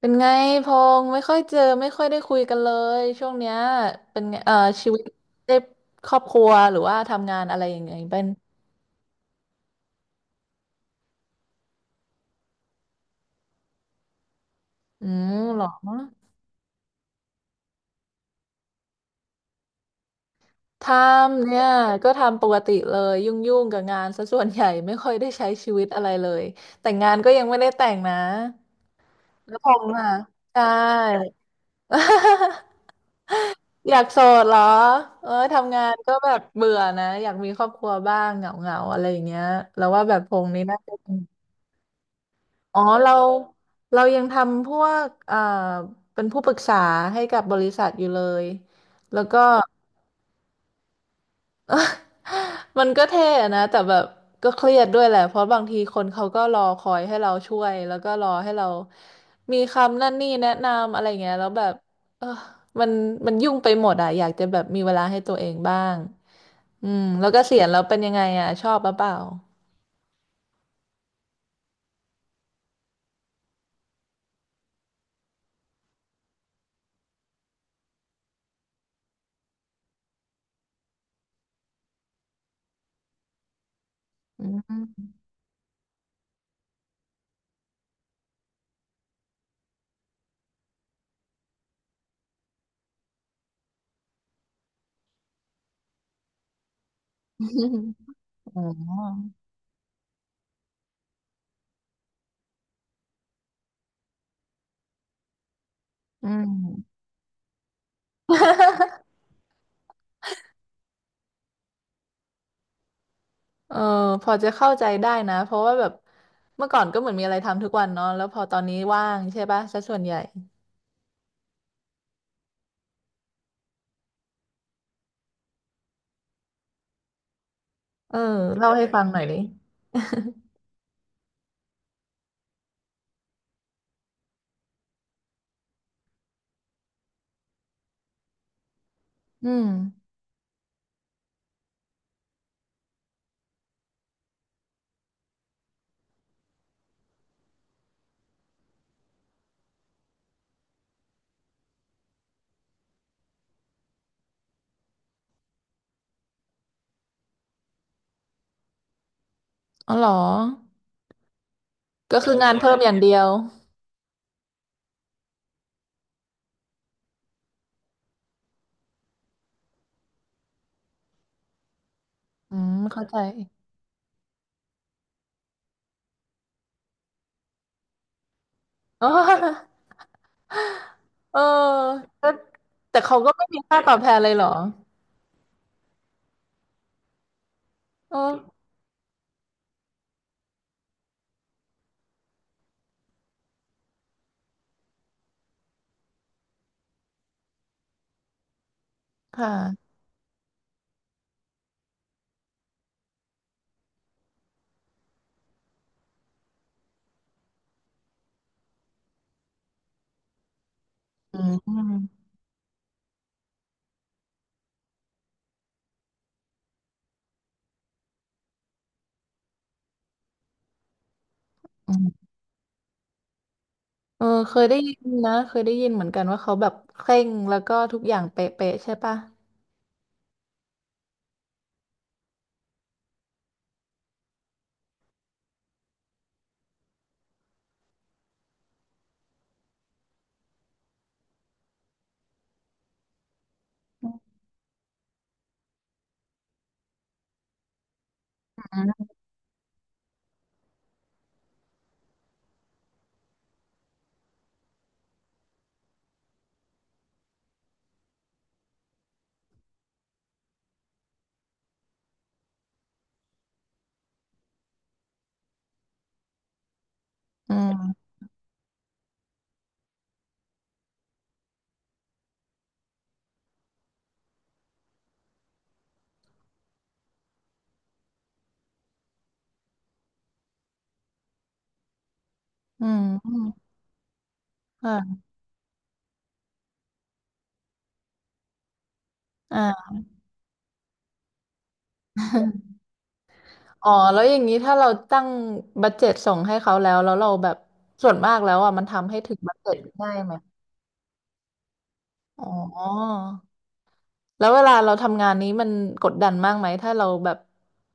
เป็นไงพงษ์ไม่ค่อยเจอไม่ค่อยได้คุยกันเลยช่วงเนี้ยเป็นไงชีวิตได้ครอบครัวหรือว่าทำงานอะไรยังไงเป็นอืมเหรอทำเนี่ยก็ทำปกติเลยยุ่งๆกับงานซะส่วนใหญ่ไม่ค่อยได้ใช้ชีวิตอะไรเลยแต่งงานก็ยังไม่ได้แต่งนะแล้วพงษ์อ่ะใช่ อยากโสดเหรอเออทำงานก็แบบเบื่อนะอยากมีครอบครัวบ้างเหงาๆอะไรอย่างเงี้ยแล้วว่าแบบพงษ์นี่น่าจะ อ๋อเราเรายังทำพวกเป็นผู้ปรึกษาให้กับบริษัทอยู่เลยแล้วก็ มันก็เท่อะนะแต่แบบก็เครียดด้วยแหละเพราะบางทีคนเขาก็รอคอยให้เราช่วยแล้วก็รอให้เรามีคำนั่นนี่แนะนำอะไรเงี้ยแล้วแบบเออมันมันยุ่งไปหมดอะอยากจะแบบมีเวลาให้ตัวเองบ้างอืมแล้วก็เสียณแล้วเป็นยังไงอะชอบหรือเปล่าอืม อ๋ออืม เออพอจะเข้าใจได้นะเพราะว่าแบบเมื่อก่อนก็เหมือนมีอะไรทำทุกวันเนาะแล้วพอตอนนี้ว่างใช่ปะซะส่วนใหญ่เออเล่าให้ฟังหน่อยดิอืมอ๋อเหรอก็คืองานเพิ่มอย่างเดียวอืม่เข้าใจอ๋อแต่ เออก็แต่เขาก็ไม่มีค่าตอบแทนเลยเหรอเออค่ะอืมอืมเออเคยได้ยินนะเคยได้ยินเหมือนกันว่าเขาแบบเคร่งแล้วก็ทุกอย่างเป๊ะๆใช่ปะอืมอืมอืมค่ะ อ๋อแล้วอย่างนี้ถ้าเราตั้งบัดเจ็ตส่งให้เขาแล้วแล้วเราแบบส่วนมากแล้วอ่ะมันทำให้ถึงบัดเจ็ตได้ไหมอ๋อแล้วเวลาเราทำงานนี้มันกดดันมากไหมถ้าเราแบบ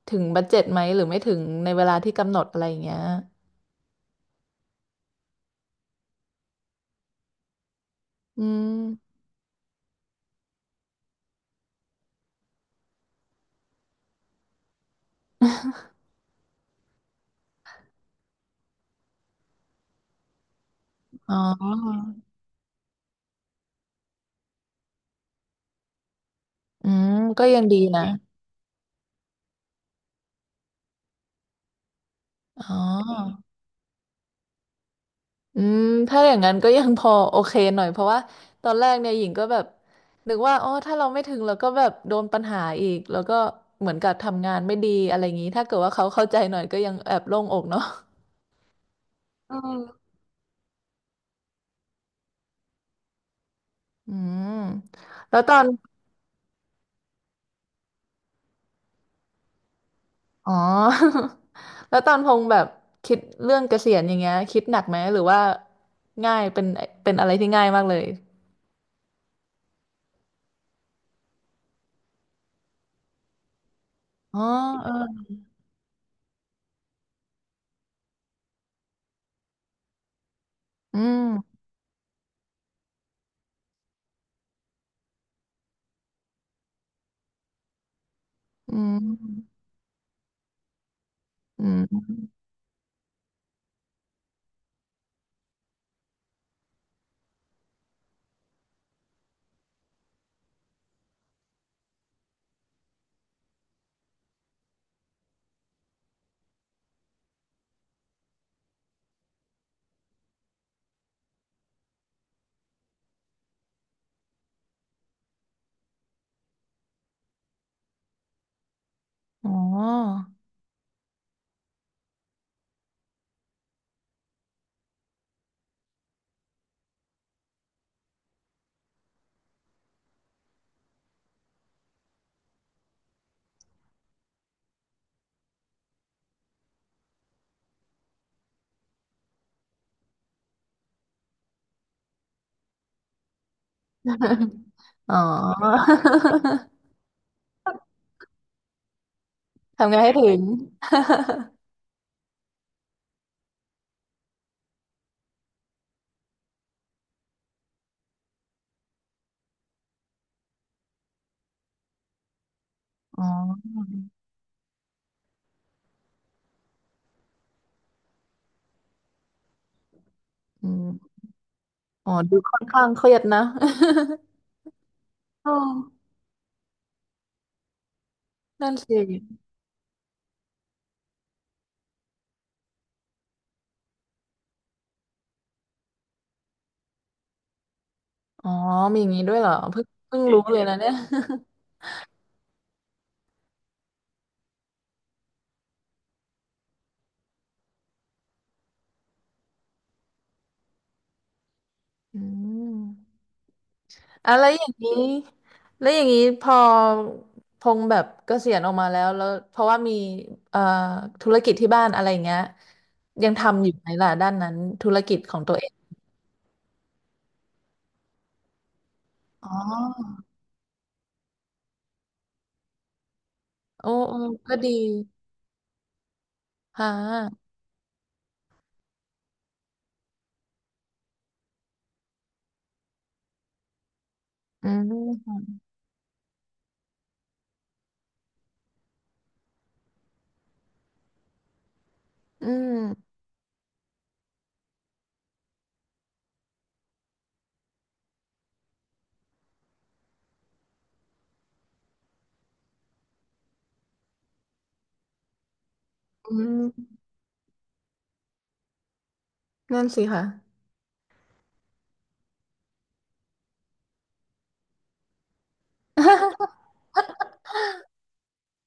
ถึงบัดเจ็ตไหมหรือไม่ถึงในเวลาที่กำหนดอะไรอย่างเงี้ยอืมอ๋ออืมก็ยังดีนะอ๋อ อืมถ้าอย่างนั้นก็ยังพอโอเคหน่อยเพราะว่าตอนแรกเนี่ยหญิงก็แบบนึกว่าอ๋อถ้าเราไม่ถึงเราก็แบบโดนปัญหาอีกแล้วก็เหมือนกับทำงานไม่ดีอะไรอย่างนี้ถ้าเกิดว่าเขาเข้าใจหน่อยก็ยังแอบโล่งอกเนาะอืมแล้วตอนอ๋อ แล้วตอนพงแบบคิดเรื่องเกษียณอย่างเงี้ยคิดหนักไหมหรือว่าง่ายเป็นเป็นอะไรที่ง่ายมากเลยอ๋อเอออืมอืมอืมอ๋ออ๋อ ทำไงให้ถึง อ๋ออืมอ๋อดูค่อนข้างเครียดนะ อ๋อนั่นสิอ๋อมีอย่างนี้ด้วยเหรอเพิ่งเพิ่งรู้เลยนะเนี่ย อืมอะไรอย่างนี้แล้วอย่างนี้พอพงษ์แบบเกษียณออกมาแล้วแล้วเพราะว่ามีเอ่อธุรกิจที่บ้านอะไรอย่างเงี้ยยังทำอยู่ไหมล่ะด้านนั้นธุรกิจของตัวเองอ๋อโอ้โอ้ก็ดีค่ะอืมอืมอืม นั่นสิค่ะ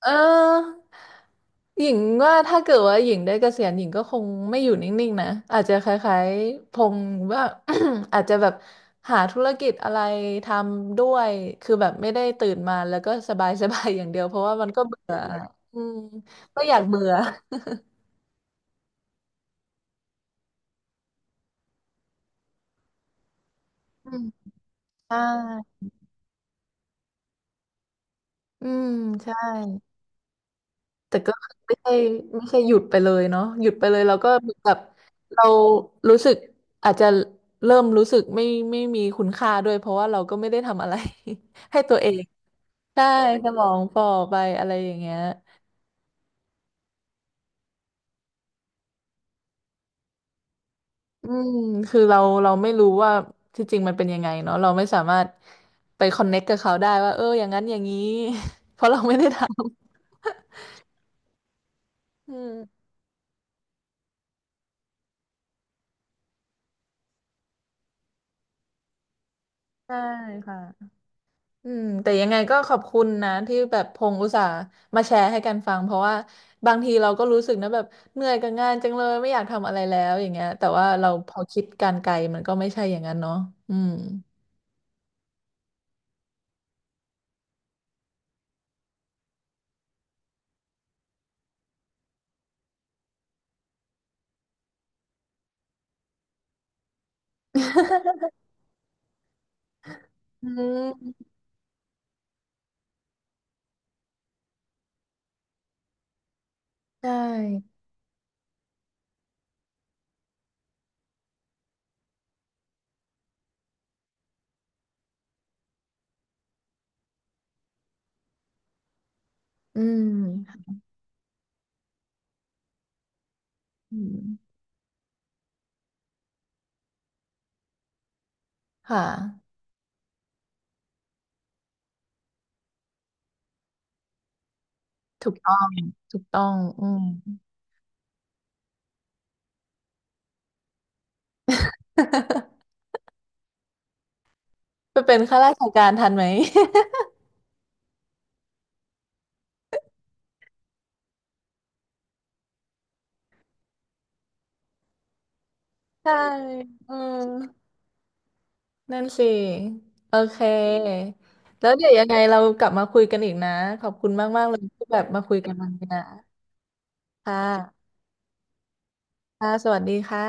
เออหญิงว่าถ้าเกิดว่าหญิงได้เกษียณหญิงก็คงไม่อยู่นิ่งๆนะอาจจะคล้ายๆพงษ์ว่า อาจจะแบบหาธุรกิจอะไรทำด้วยคือแบบไม่ได้ตื่นมาแล้วก็สบายๆ อย่างเดียวเพราะว่ามันก็เบื่ออืมก็อยากเบื่ออืมใช่อืมใช่ แต่ก็ไม่ใช่ไม่ใช่หยุดไปเลยเนาะหยุดไปเลยเราก็เหมือนกับเรารู้สึกอาจจะเริ่มรู้สึกไม่ไม่มีคุณค่าด้วยเพราะว่าเราก็ไม่ได้ทำอะไร ให้ตัวเองใช่สมองฝ่อไปอะไรอย่างเงี้ยอืมคือเราเราไม่รู้ว่าที่จริงมันเป็นยังไงเนาะเราไม่สามารถไปคอนเน็กกับเขาได้ว่าเอออย่างนั้นอย่างนี้ เพราะเราไม่ได้ทำ อืมใช่ค่ะ อืมแต่ยังไงก็ขอบคุณนะที่แบบพงอุตส่าห์มาแชร์ให้กันฟังเพราะว่าบางทีเราก็รู้สึกนะแบบเหนื่อยกับงานจังเลยไม่อยากทำอะไรแล้วอย่างเงี้ยแต่ว่าเราพอคิดการไกลมันก็ไม่ใช่อย่างนั้นเนาะอืมอืม ใช่อืมอืมค่ะถูกต้องถูกต้องอืม ไปเป็นข้าราชการทันไหม ใช่อืม นั่นสิ โอเค แล้วเดี๋ยวยังไงเรากลับมาคุยกันอีกนะ ขอบคุณมากๆเลยที่แบบมาคุยกันวันนี้นะค่ะค่ะสวัสดีค่ะ